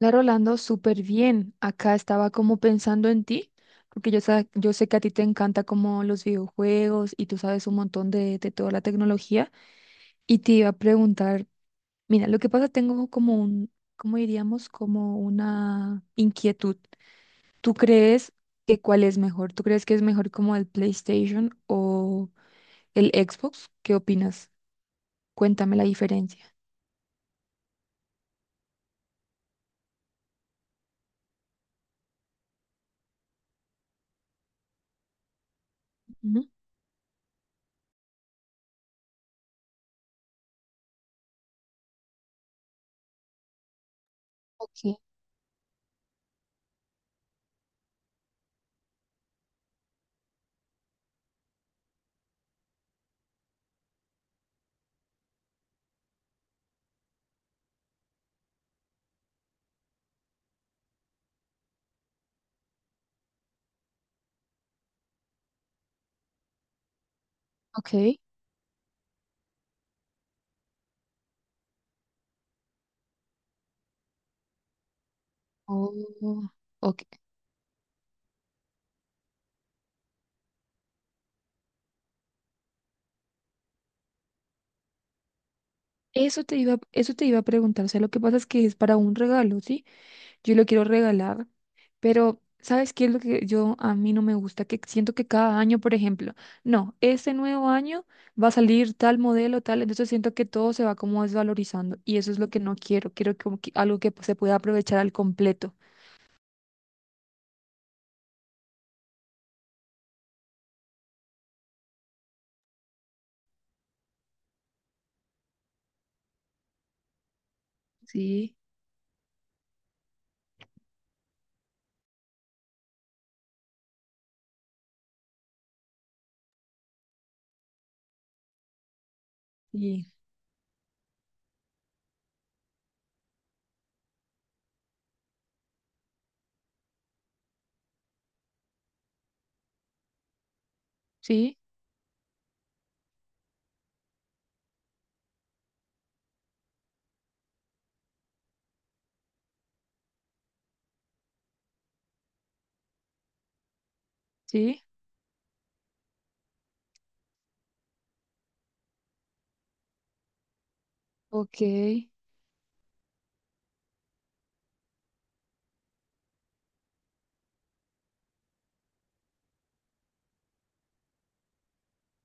La Rolando, súper bien. Acá estaba como pensando en ti, porque yo sé que a ti te encanta como los videojuegos y tú sabes un montón de toda la tecnología. Y te iba a preguntar, mira, lo que pasa, tengo como un, ¿cómo diríamos? Como una inquietud. ¿Tú crees que cuál es mejor? ¿Tú crees que es mejor como el PlayStation o el Xbox? ¿Qué opinas? Cuéntame la diferencia. Ujú. Ok, ok. Oh, ok. Eso te iba a preguntar. O sea, lo que pasa es que es para un regalo, ¿sí? Yo lo quiero regalar, pero ¿sabes qué es lo que yo a mí no me gusta? Que siento que cada año, por ejemplo, no, este nuevo año va a salir tal modelo, tal, entonces siento que todo se va como desvalorizando y eso es lo que no quiero. Quiero como que algo que se pueda aprovechar al completo. Sí, sí, sí, sí, ok.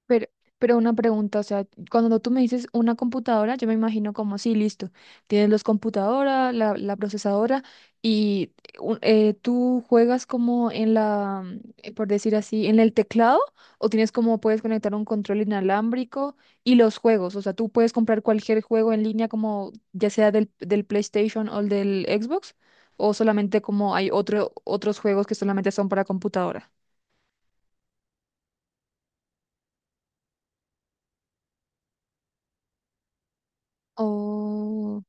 Pero, pero una pregunta, o sea, cuando tú me dices una computadora, yo me imagino como, sí, listo, tienes los computadoras, la procesadora, y tú juegas como en la, por decir así, en el teclado, o tienes como, puedes conectar un control inalámbrico y los juegos, o sea, tú puedes comprar cualquier juego en línea como, ya sea del PlayStation o el del Xbox, o solamente como hay otros juegos que solamente son para computadora. Oh,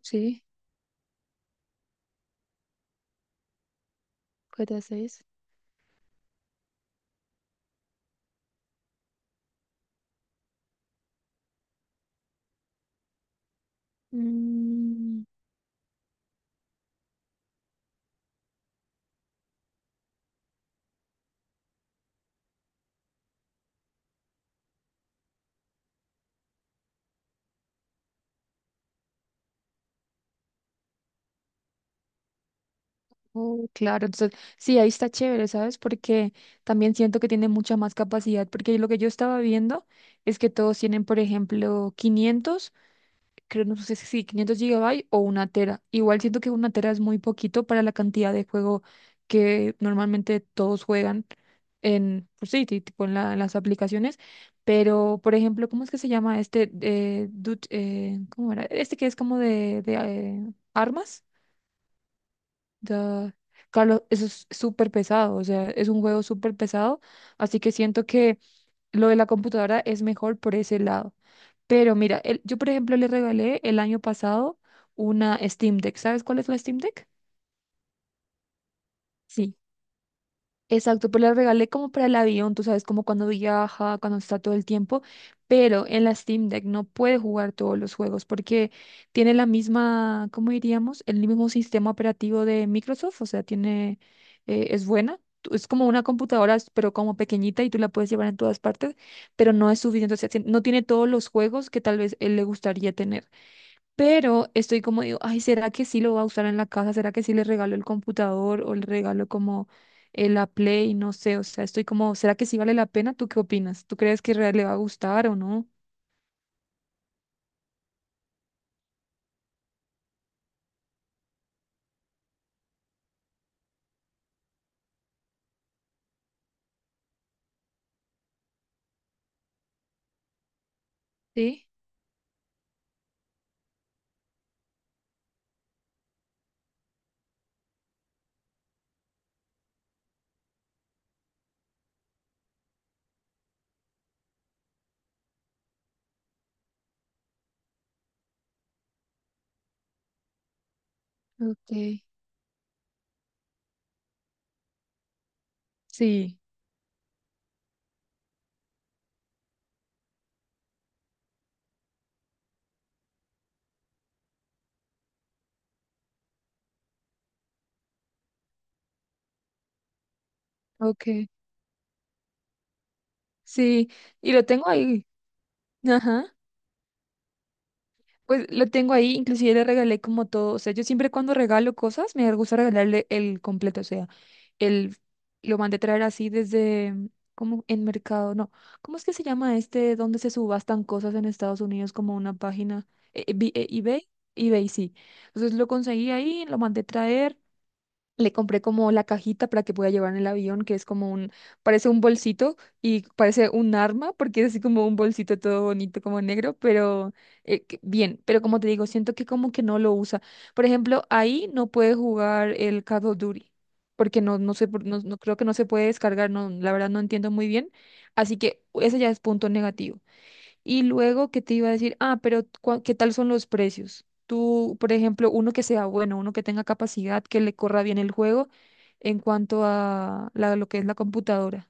sí, GTA 6. Mm, oh, claro, entonces sí, ahí está chévere, ¿sabes? Porque también siento que tiene mucha más capacidad, porque lo que yo estaba viendo es que todos tienen, por ejemplo, 500 creo, no sé si 500 gigabytes o una tera. Igual siento que una tera es muy poquito para la cantidad de juego que normalmente todos juegan en, pues sí, tipo en las aplicaciones, pero, por ejemplo, ¿cómo es que se llama este, ¿cómo era? Este que es como de armas. Ya. Carlos, eso es súper pesado, o sea, es un juego súper pesado, así que siento que lo de la computadora es mejor por ese lado. Pero mira, yo por ejemplo le regalé el año pasado una Steam Deck. ¿Sabes cuál es la Steam Deck? Sí. Exacto, pero la regalé como para el avión, tú sabes, como cuando viaja, cuando está todo el tiempo, pero en la Steam Deck no puede jugar todos los juegos porque tiene la misma, ¿cómo diríamos? El mismo sistema operativo de Microsoft, o sea, tiene, es buena, es como una computadora, pero como pequeñita y tú la puedes llevar en todas partes, pero no es suficiente, o sea, no tiene todos los juegos que tal vez él le gustaría tener. Pero estoy como digo, ay, ¿será que sí lo va a usar en la casa? ¿Será que sí le regalo el computador o le regalo como la Play? No sé, o sea, estoy como, ¿será que sí vale la pena? ¿Tú qué opinas? ¿Tú crees que real le va a gustar o no? Sí, ok. Sí, ok. Sí, y lo tengo ahí. Ajá. Pues lo tengo ahí, inclusive le regalé como todo, o sea, yo siempre cuando regalo cosas me gusta regalarle el completo, o sea, el lo mandé traer así desde como en mercado, no, ¿cómo es que se llama este donde se subastan cosas en Estados Unidos como una página? ¿eBay? EBay, sí. Entonces lo conseguí ahí, lo mandé traer, le compré como la cajita para que pueda llevar en el avión, que es como un, parece un bolsito y parece un arma, porque es así como un bolsito todo bonito, como negro, pero bien, pero como te digo, siento que como que no lo usa. Por ejemplo, ahí no puede jugar el Call of Duty, porque no, no sé, no, no creo que no se puede descargar, no, la verdad no entiendo muy bien. Así que ese ya es punto negativo. Y luego, ¿qué te iba a decir? Ah, pero ¿qué tal son los precios? Tú, por ejemplo, uno que sea bueno, uno que tenga capacidad, que le corra bien el juego en cuanto a lo que es la computadora.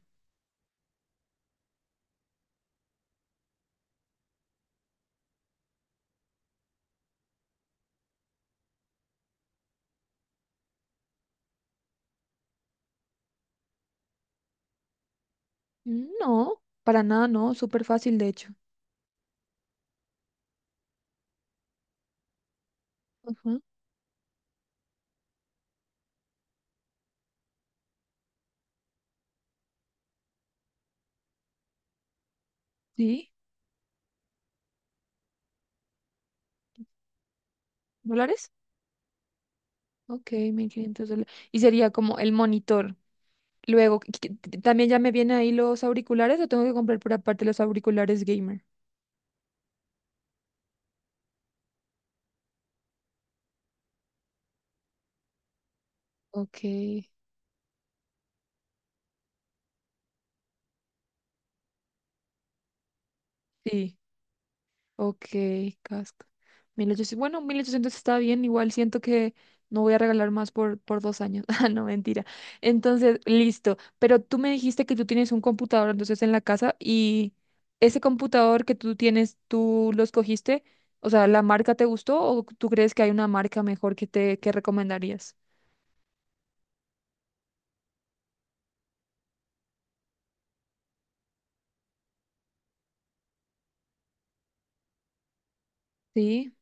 Mm, no, para nada, no, súper fácil de hecho. Ajá. Sí, ¿dólares? Ok, $1500. Y sería como el monitor. Luego, ¿también ya me vienen ahí los auriculares o tengo que comprar por aparte los auriculares gamer? Ok. Sí. Ok, casco. 1800. Bueno, 1800 está bien, igual siento que no voy a regalar más por 2 años. Ah, no, mentira. Entonces, listo. Pero tú me dijiste que tú tienes un computador entonces en la casa y ese computador que tú tienes, ¿tú lo escogiste? O sea, ¿la marca te gustó o tú crees que hay una marca mejor que te que recomendarías? Sí,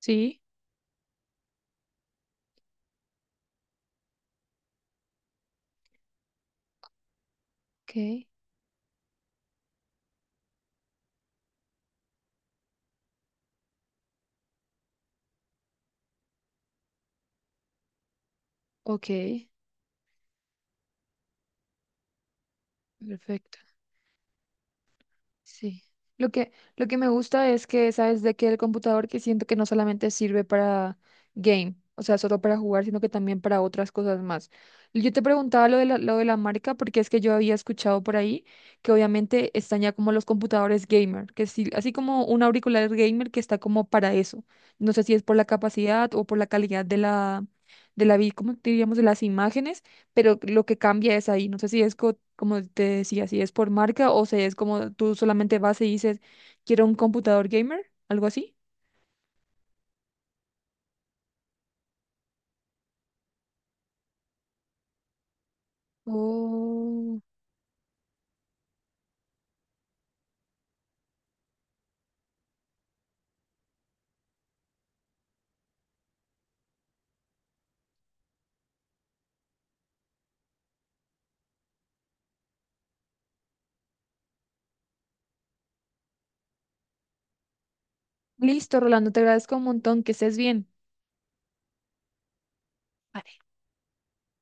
sí, ok, ok, perfecto. Sí. Lo que me gusta es que, ¿sabes? De que el computador que siento que no solamente sirve para game, o sea, solo para jugar, sino que también para otras cosas más. Yo te preguntaba lo de la marca porque es que yo había escuchado por ahí que obviamente están ya como los computadores gamer, que sí, así como un auricular gamer que está como para eso. No sé si es por la capacidad o por la calidad de la, ¿cómo diríamos? De las imágenes, pero lo que cambia es ahí. No sé si es como te decía, si es por marca o si es como tú solamente vas y dices, quiero un computador gamer, algo así. Oh, listo, Rolando, te agradezco un montón, que estés bien.